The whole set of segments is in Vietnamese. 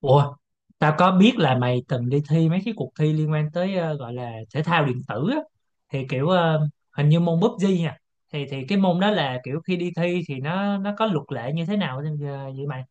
Ủa, tao có biết là mày từng đi thi mấy cái cuộc thi liên quan tới gọi là thể thao điện tử á. Thì kiểu hình như môn PUBG nha. Thì cái môn đó là kiểu khi đi thi thì nó có luật lệ như thế nào vậy vậy mày?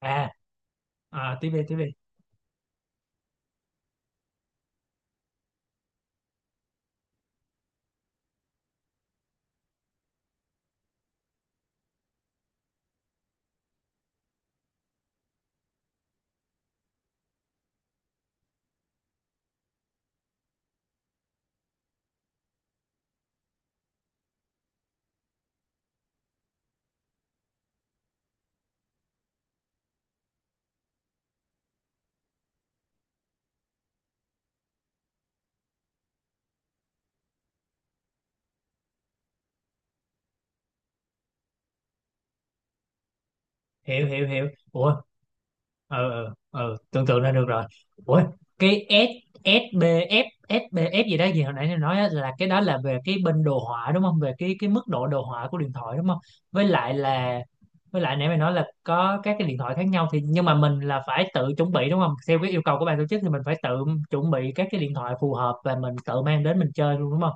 À, à, tiếp đi tiếp đi. Hiểu hiểu hiểu. Ủa, ừ ừ ừ, tưởng tượng ra được rồi. Ủa, cái S SBF SBF gì đó, gì hồi nãy tôi nói á, là cái đó là về cái bên đồ họa đúng không, về cái mức độ đồ họa của điện thoại đúng không, với lại là với lại nãy mày nói là có các cái điện thoại khác nhau thì, nhưng mà mình là phải tự chuẩn bị đúng không, theo cái yêu cầu của ban tổ chức thì mình phải tự chuẩn bị các cái điện thoại phù hợp và mình tự mang đến mình chơi luôn đúng không?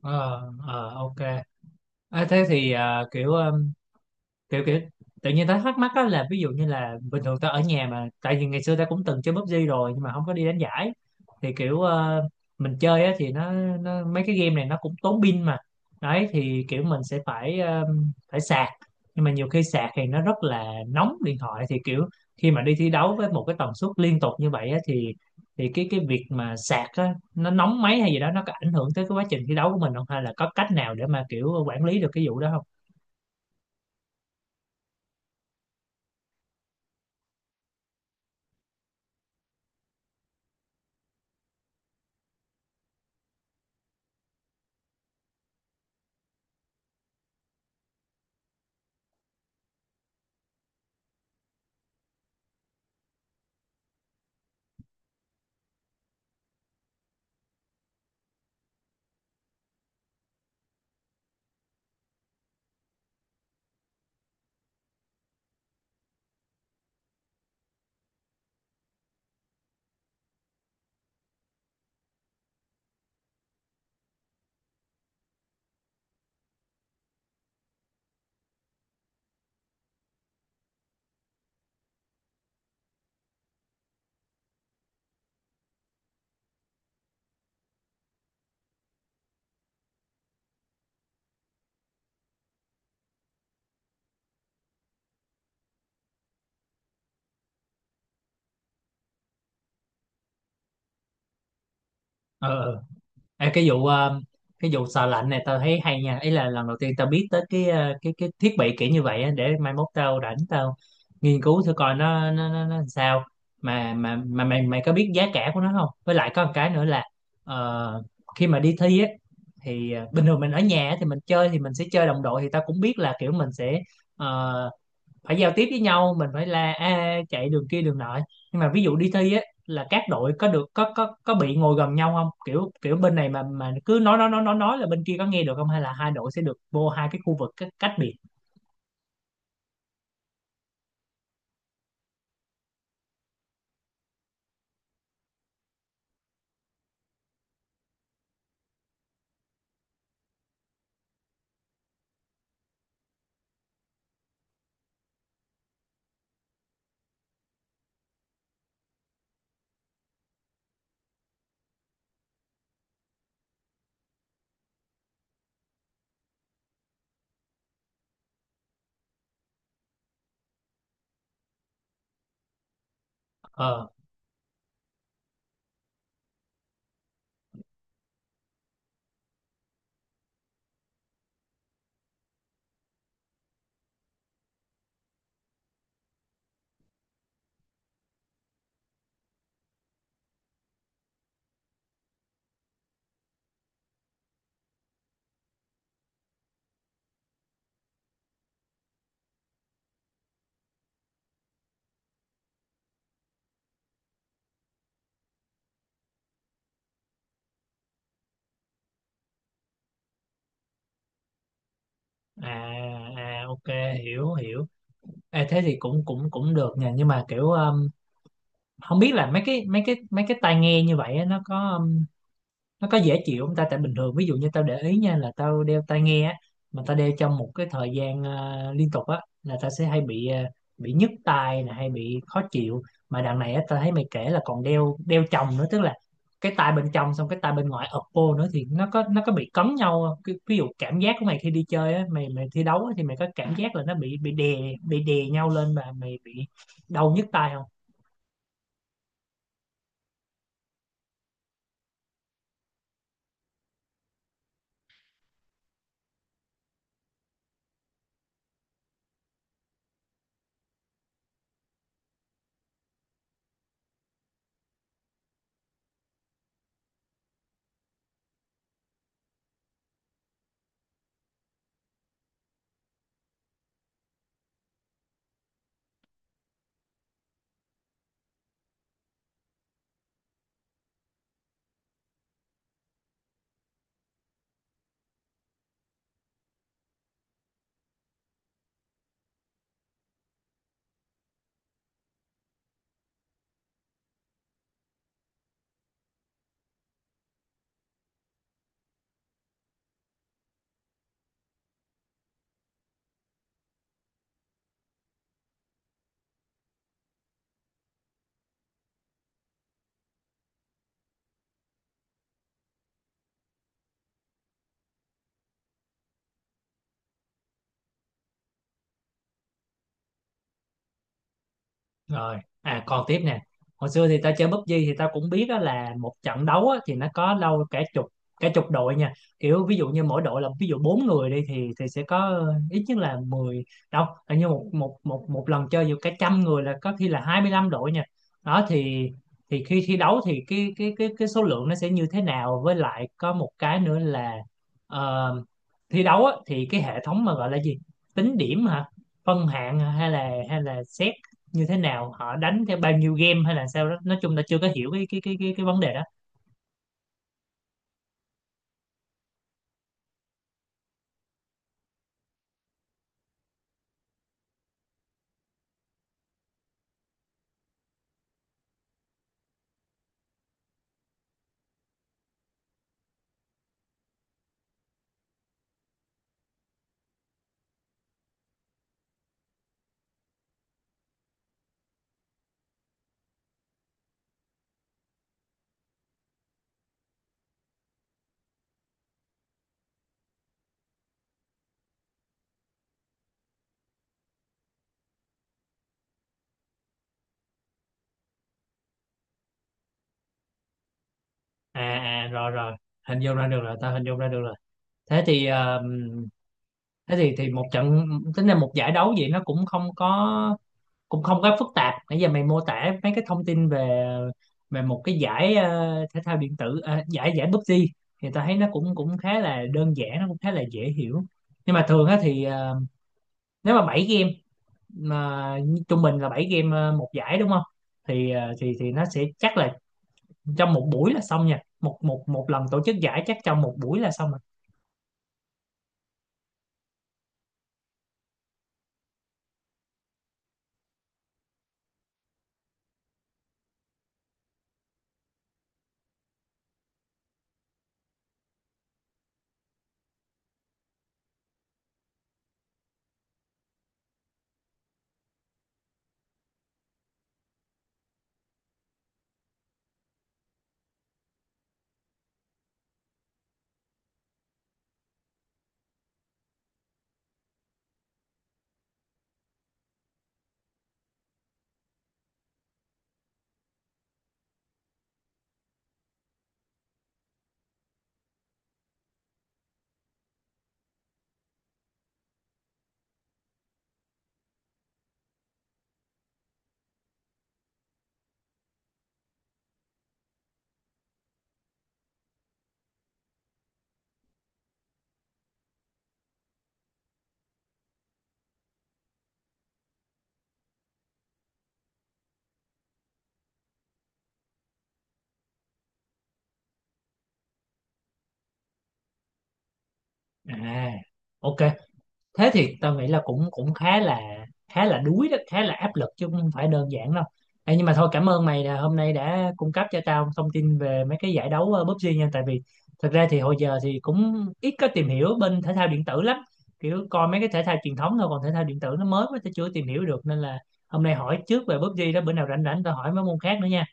Ờ, ờ, ok. À, thế thì kiểu kiểu kiểu tự nhiên tao thắc mắc á là ví dụ như là bình thường tao ở nhà, mà tại vì ngày xưa tao cũng từng chơi PUBG rồi nhưng mà không có đi đánh giải. Thì kiểu mình chơi á thì nó mấy cái game này nó cũng tốn pin mà, đấy thì kiểu mình sẽ phải sạc, nhưng mà nhiều khi sạc thì nó rất là nóng điện thoại, thì kiểu khi mà đi thi đấu với một cái tần suất liên tục như vậy á, thì cái việc mà sạc á nó nóng máy hay gì đó, nó có ảnh hưởng tới cái quá trình thi đấu của mình không, hay là có cách nào để mà kiểu quản lý được cái vụ đó không? Ờ. Ê, cái vụ sờ lạnh này tao thấy hay nha, ý là lần đầu tiên tao biết tới cái ờ, cái thiết bị kiểu như vậy á, để mai mốt tao rảnh tao nghiên cứu thử coi nó làm sao, mà mày mày có biết giá cả của nó không, với lại có một cái nữa là ờ, khi mà đi thi á thì bình thường mình ở nhà á thì mình chơi thì mình sẽ chơi đồng đội, thì tao cũng biết là kiểu mình sẽ ờ, phải giao tiếp với nhau, mình phải là a chạy đường kia đường nọ. Nhưng mà ví dụ đi thi á là các đội có được, có bị ngồi gần nhau không, kiểu kiểu bên này mà cứ nói là bên kia có nghe được không, hay là hai đội sẽ được vô hai cái khu vực cách biệt? Ờ. À, à, ok. Hiểu hiểu. À, thế thì cũng cũng cũng được nha, nhưng mà kiểu không biết là mấy cái tai nghe như vậy á, nó có dễ chịu không ta, tại bình thường ví dụ như tao để ý nha là tao đeo tai nghe á, mà tao đeo trong một cái thời gian liên tục á là tao sẽ hay bị nhức tai nè, hay bị khó chịu, mà đằng này á tao thấy mày kể là còn đeo đeo chồng nữa, tức là cái tai bên trong xong cái tai bên ngoài ập vô nữa, thì nó có, nó có bị cấn nhau không? Cái- ví dụ cảm giác của mày khi đi chơi á, mày mày thi đấu á, thì mày có cảm giác là nó bị đè nhau lên và mày bị đau nhức tai không? Rồi. À, còn tiếp nè, hồi xưa thì ta chơi PUBG thì ta cũng biết đó là một trận đấu á, thì nó có đâu cả chục, cả chục đội nha, kiểu ví dụ như mỗi đội là ví dụ bốn người đi thì sẽ có ít nhất là 10, đâu là như một một một một lần chơi dù cả trăm người là có khi là 25 đội nha. Đó thì khi thi đấu thì cái số lượng nó sẽ như thế nào, với lại có một cái nữa là ờ, thi đấu á, thì cái hệ thống mà gọi là gì, tính điểm hả, phân hạng hả, hay là xét như thế nào, họ đánh theo bao nhiêu game hay là sao đó, nói chung ta chưa có hiểu cái vấn đề đó. À, à, rồi rồi, hình dung ra được rồi, ta hình dung ra được rồi. Thế thì ờ, thế thì thì một trận tính là một giải đấu vậy, nó cũng không có phức tạp. Nãy giờ mày mô tả mấy cái thông tin về về một cái giải thể thao điện tử giải giải PUBG thì ta thấy nó cũng cũng khá là đơn giản, nó cũng khá là dễ hiểu. Nhưng mà thường á thì nếu mà bảy game, mà trung bình là 7 game một giải đúng không, thì thì nó sẽ chắc là trong một buổi là xong nha, một một một lần tổ chức giải chắc trong một buổi là xong rồi. À, ok, thế thì tao nghĩ là cũng cũng khá là đuối đó, khá là áp lực chứ không phải đơn giản đâu. Ê, nhưng mà thôi, cảm ơn mày là hôm nay đã cung cấp cho tao thông tin về mấy cái giải đấu PUBG nha, tại vì thật ra thì hồi giờ thì cũng ít có tìm hiểu bên thể thao điện tử lắm, kiểu coi mấy cái thể thao truyền thống thôi, còn thể thao điện tử nó mới quá tao chưa tìm hiểu được, nên là hôm nay hỏi trước về PUBG đó, bữa nào rảnh rảnh tao hỏi mấy môn khác nữa nha.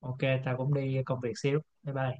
Ok, tao cũng đi công việc xíu, bye bye.